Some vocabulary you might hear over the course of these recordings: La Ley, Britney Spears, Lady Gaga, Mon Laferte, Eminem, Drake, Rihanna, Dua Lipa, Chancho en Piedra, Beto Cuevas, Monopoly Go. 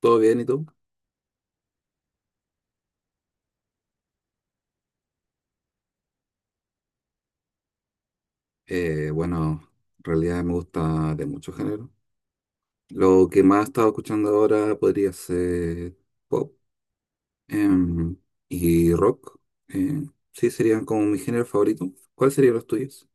¿Todo bien y tú? Eh, bueno, en realidad me gusta de muchos géneros. Lo que más he estado escuchando ahora podría ser pop em, y rock. eh, sí, serían como mi género favorito. ¿Cuáles serían los tuyos?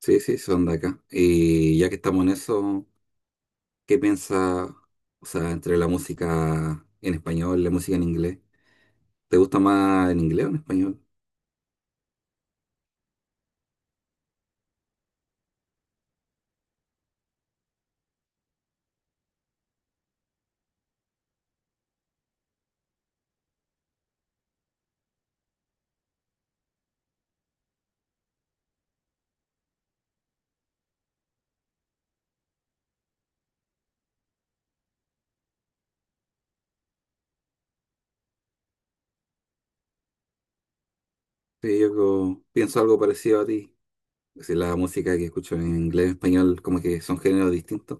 Sí, sí, son de acá. Y ya que estamos en eso, ¿qué piensas, o sea, entre la música en español y la música en inglés? ¿Te gusta más en inglés o en español? Sí, pienso algo parecido a ti. Si la música que escucho en inglés y español como que son géneros distintos.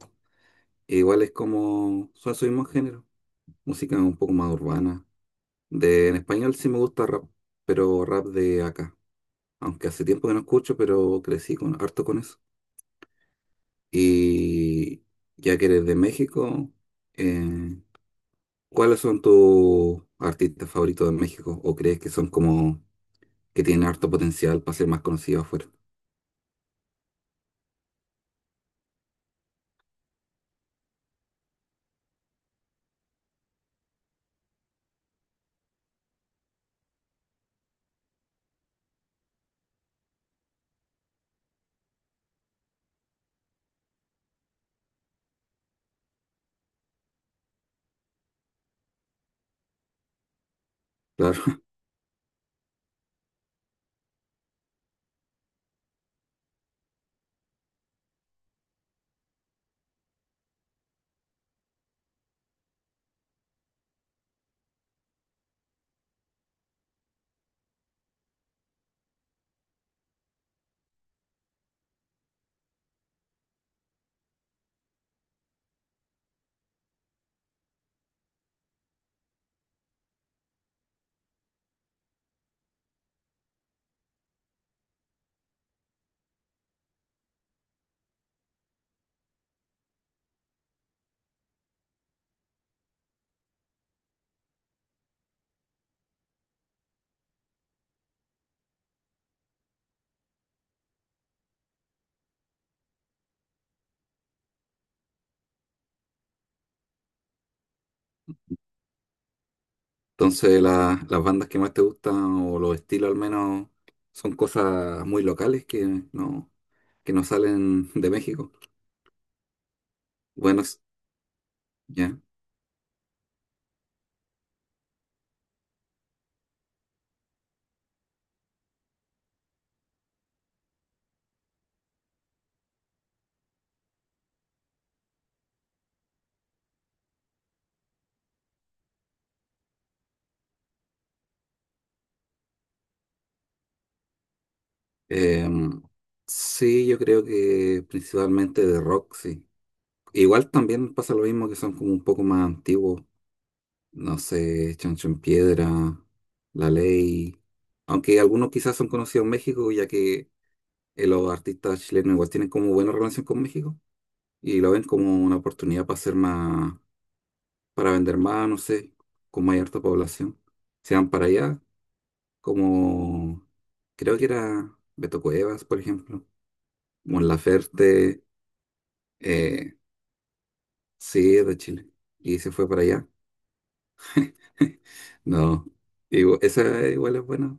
E igual es como, son su mismo género. Música un poco más urbana. De, en español sí me gusta rap, pero rap de acá. Aunque hace tiempo que no escucho, pero crecí con, harto con eso. Y ya que eres de México, eh, ¿cuáles son tus artistas favoritos de México? ¿O crees que son como que tienen harto potencial para ser más conocidos afuera? Claro. Entonces, las bandas que más te gustan, o los estilos al menos, son cosas muy locales que no, que no salen de México. Bueno, s- ya. Em, sí, yo creo que principalmente de rock, sí. Igual también pasa lo mismo que son como un poco más antiguos. No sé, Chancho en Piedra, La Ley. Aunque algunos quizás son conocidos en México, ya que los artistas chilenos igual tienen como buena relación con México y lo ven como una oportunidad para hacer más. Para vender más, no sé, con mayor población. Se van para allá, como creo que era Beto Cuevas, por ejemplo, Mon Laferte, eh, sí, es de Chile, y se fue para allá. No, digo, esa igual es buena.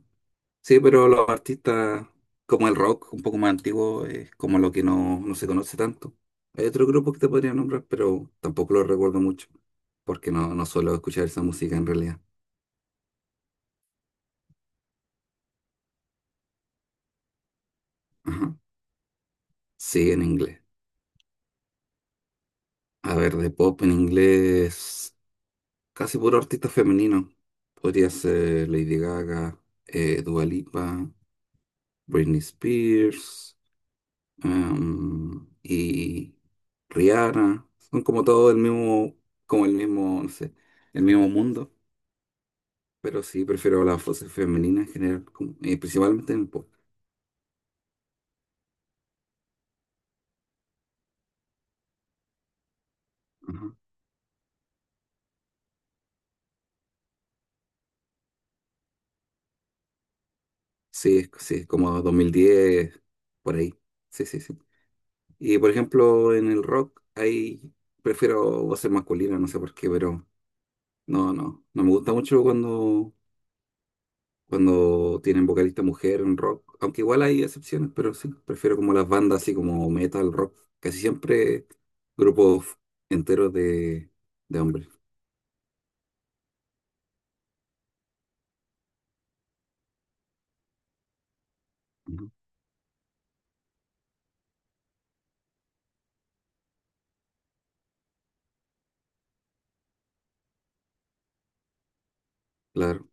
Sí, pero los artistas, como el rock, un poco más antiguo, es como lo que no se conoce tanto. Hay otro grupo que te podría nombrar, pero tampoco lo recuerdo mucho, porque no suelo escuchar esa música en realidad. Ajá. Sí, en inglés. A ver, de pop en inglés, casi puro artista femenino. Podría ser Lady Gaga, Dua Lipa, Britney Spears, y Rihanna. Son como todo el mismo, como el mismo, no sé, el mismo mundo. Pero sí, prefiero las voces femeninas en general, principalmente en el pop. Ajá. Sí, es como 2010, por ahí. Sí, sí, sí. Y por ejemplo, en el rock hay, prefiero voces masculinas, no sé por qué, pero no, no me gusta mucho cuando tienen vocalista mujer en rock, aunque igual hay excepciones, pero sí, prefiero como las bandas así como metal, rock, casi siempre grupos enteros de hombres. Ujú. Claro,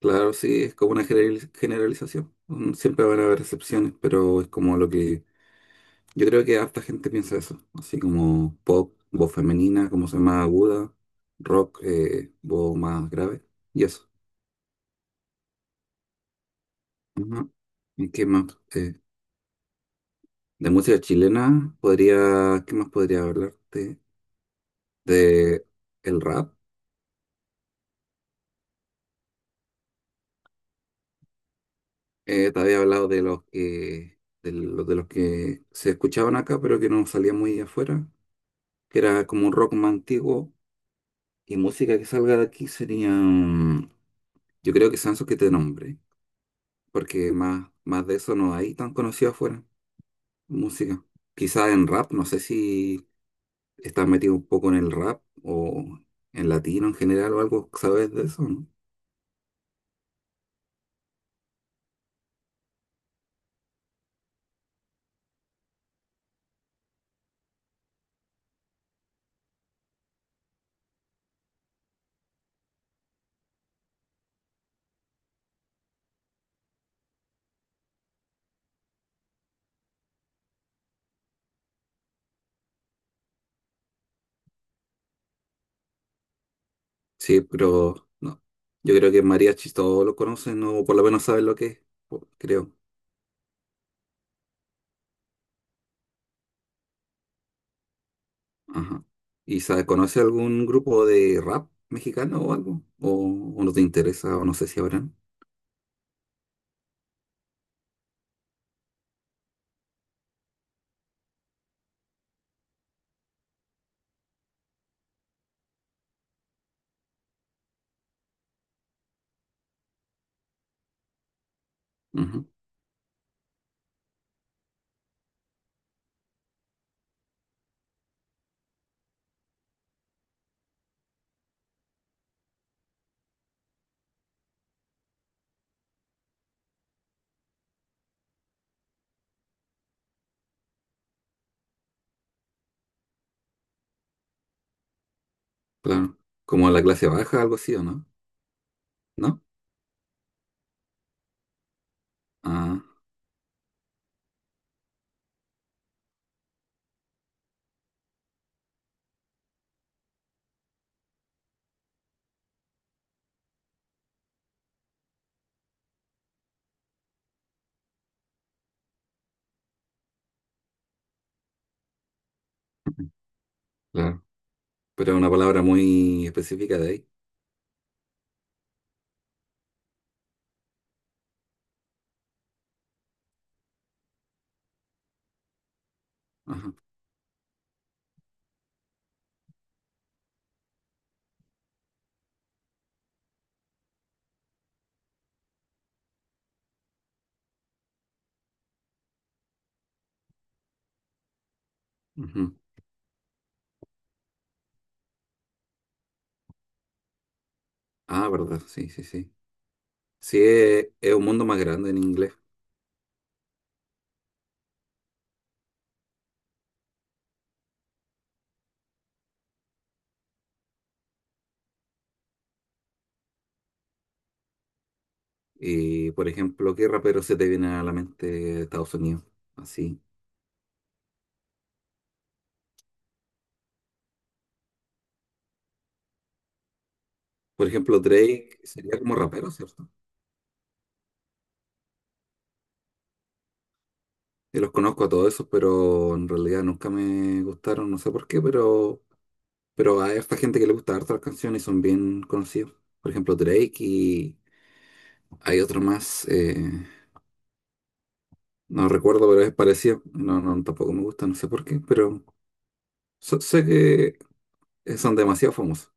claro, sí, es como una generalización. Mm, siempre van a haber excepciones, pero es como lo que yo creo que harta gente piensa eso, así como pop, voz femenina, como se llama aguda, rock, voz más grave, y eso. Ujú. ¿Y qué más? Eh, de música chilena, podría, ¿qué más podría hablarte? De el rap. Te había hablado de los que, de los que se escuchaban acá, pero que no salían muy afuera, que era como un rock más antiguo, y música que salga de aquí sería, mm, yo creo que Sanso que te nombre. Porque más de eso no hay tan conocido afuera, música. Quizá en rap, no sé si estás metido un poco en el rap o en latino en general o algo, ¿sabes de eso, no? Sí, pero no. Yo creo que mariachi todos lo conocen o por lo menos saben lo que es, creo. Ajá. ¿Y sabe, conoce algún grupo de rap mexicano o algo? O no te interesa o no sé si habrán? Ujú, claro. ¿Como la clase baja, algo así, o no? ¿No? Ah, claro. Pero es una palabra muy específica de ahí. Ajá. Ujú. Ah, verdad, sí, sí, sí. Sí, es un mundo más grande en inglés. Y, por ejemplo, ¿qué rapero se te viene a la mente de Estados Unidos? Así. Por ejemplo, Drake sería como rapero, ¿cierto? Yo los conozco a todos esos, pero en realidad nunca me gustaron, no sé por qué, pero hay esta gente que le gusta harto las canciones y son bien conocidos. Por ejemplo, Drake y hay otro más, no recuerdo, pero es parecido. No, no, tampoco me gusta, no sé por qué, pero... Sé que son demasiado famosos.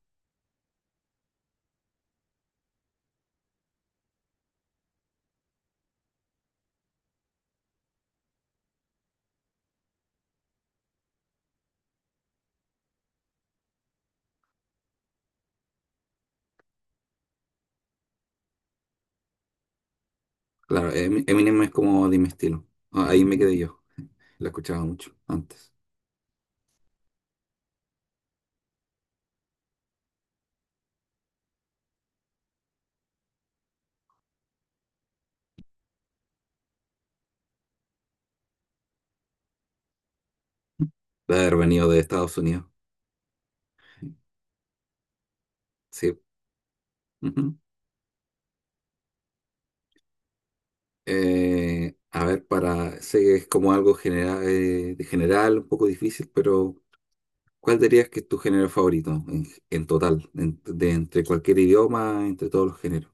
Claro, Eminem es como de mi estilo. Ah, ahí me quedé yo. La escuchaba mucho antes de haber venido de Estados Unidos. Sí. Ujú. A ver, para, sé que es como algo general, de general, un poco difícil, pero ¿cuál dirías que es tu género favorito en total, de entre cualquier idioma, entre todos los géneros?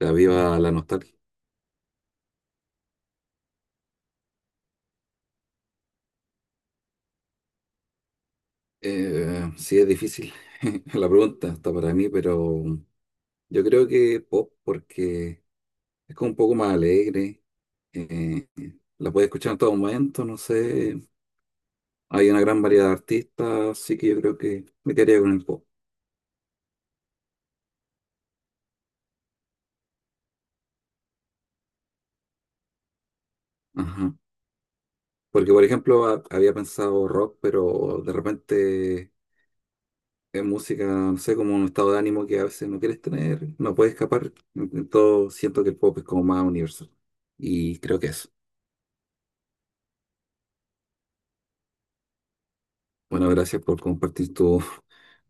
La viva la nostalgia. Sí, es difícil la pregunta hasta para mí, pero yo creo que pop porque es como un poco más alegre, eh, la puedes escuchar en todo momento, no sé, hay una gran variedad de artistas, así que yo creo que me quedaría con el pop. Ajá. Porque, por ejemplo, había pensado rock, pero de repente es música, no sé, como un estado de ánimo que a veces no quieres tener, no puedes escapar, entonces siento que el pop es como más universal y creo que eso. Bueno, gracias por compartir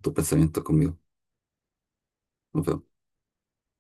tus pensamientos conmigo. Nos vemos.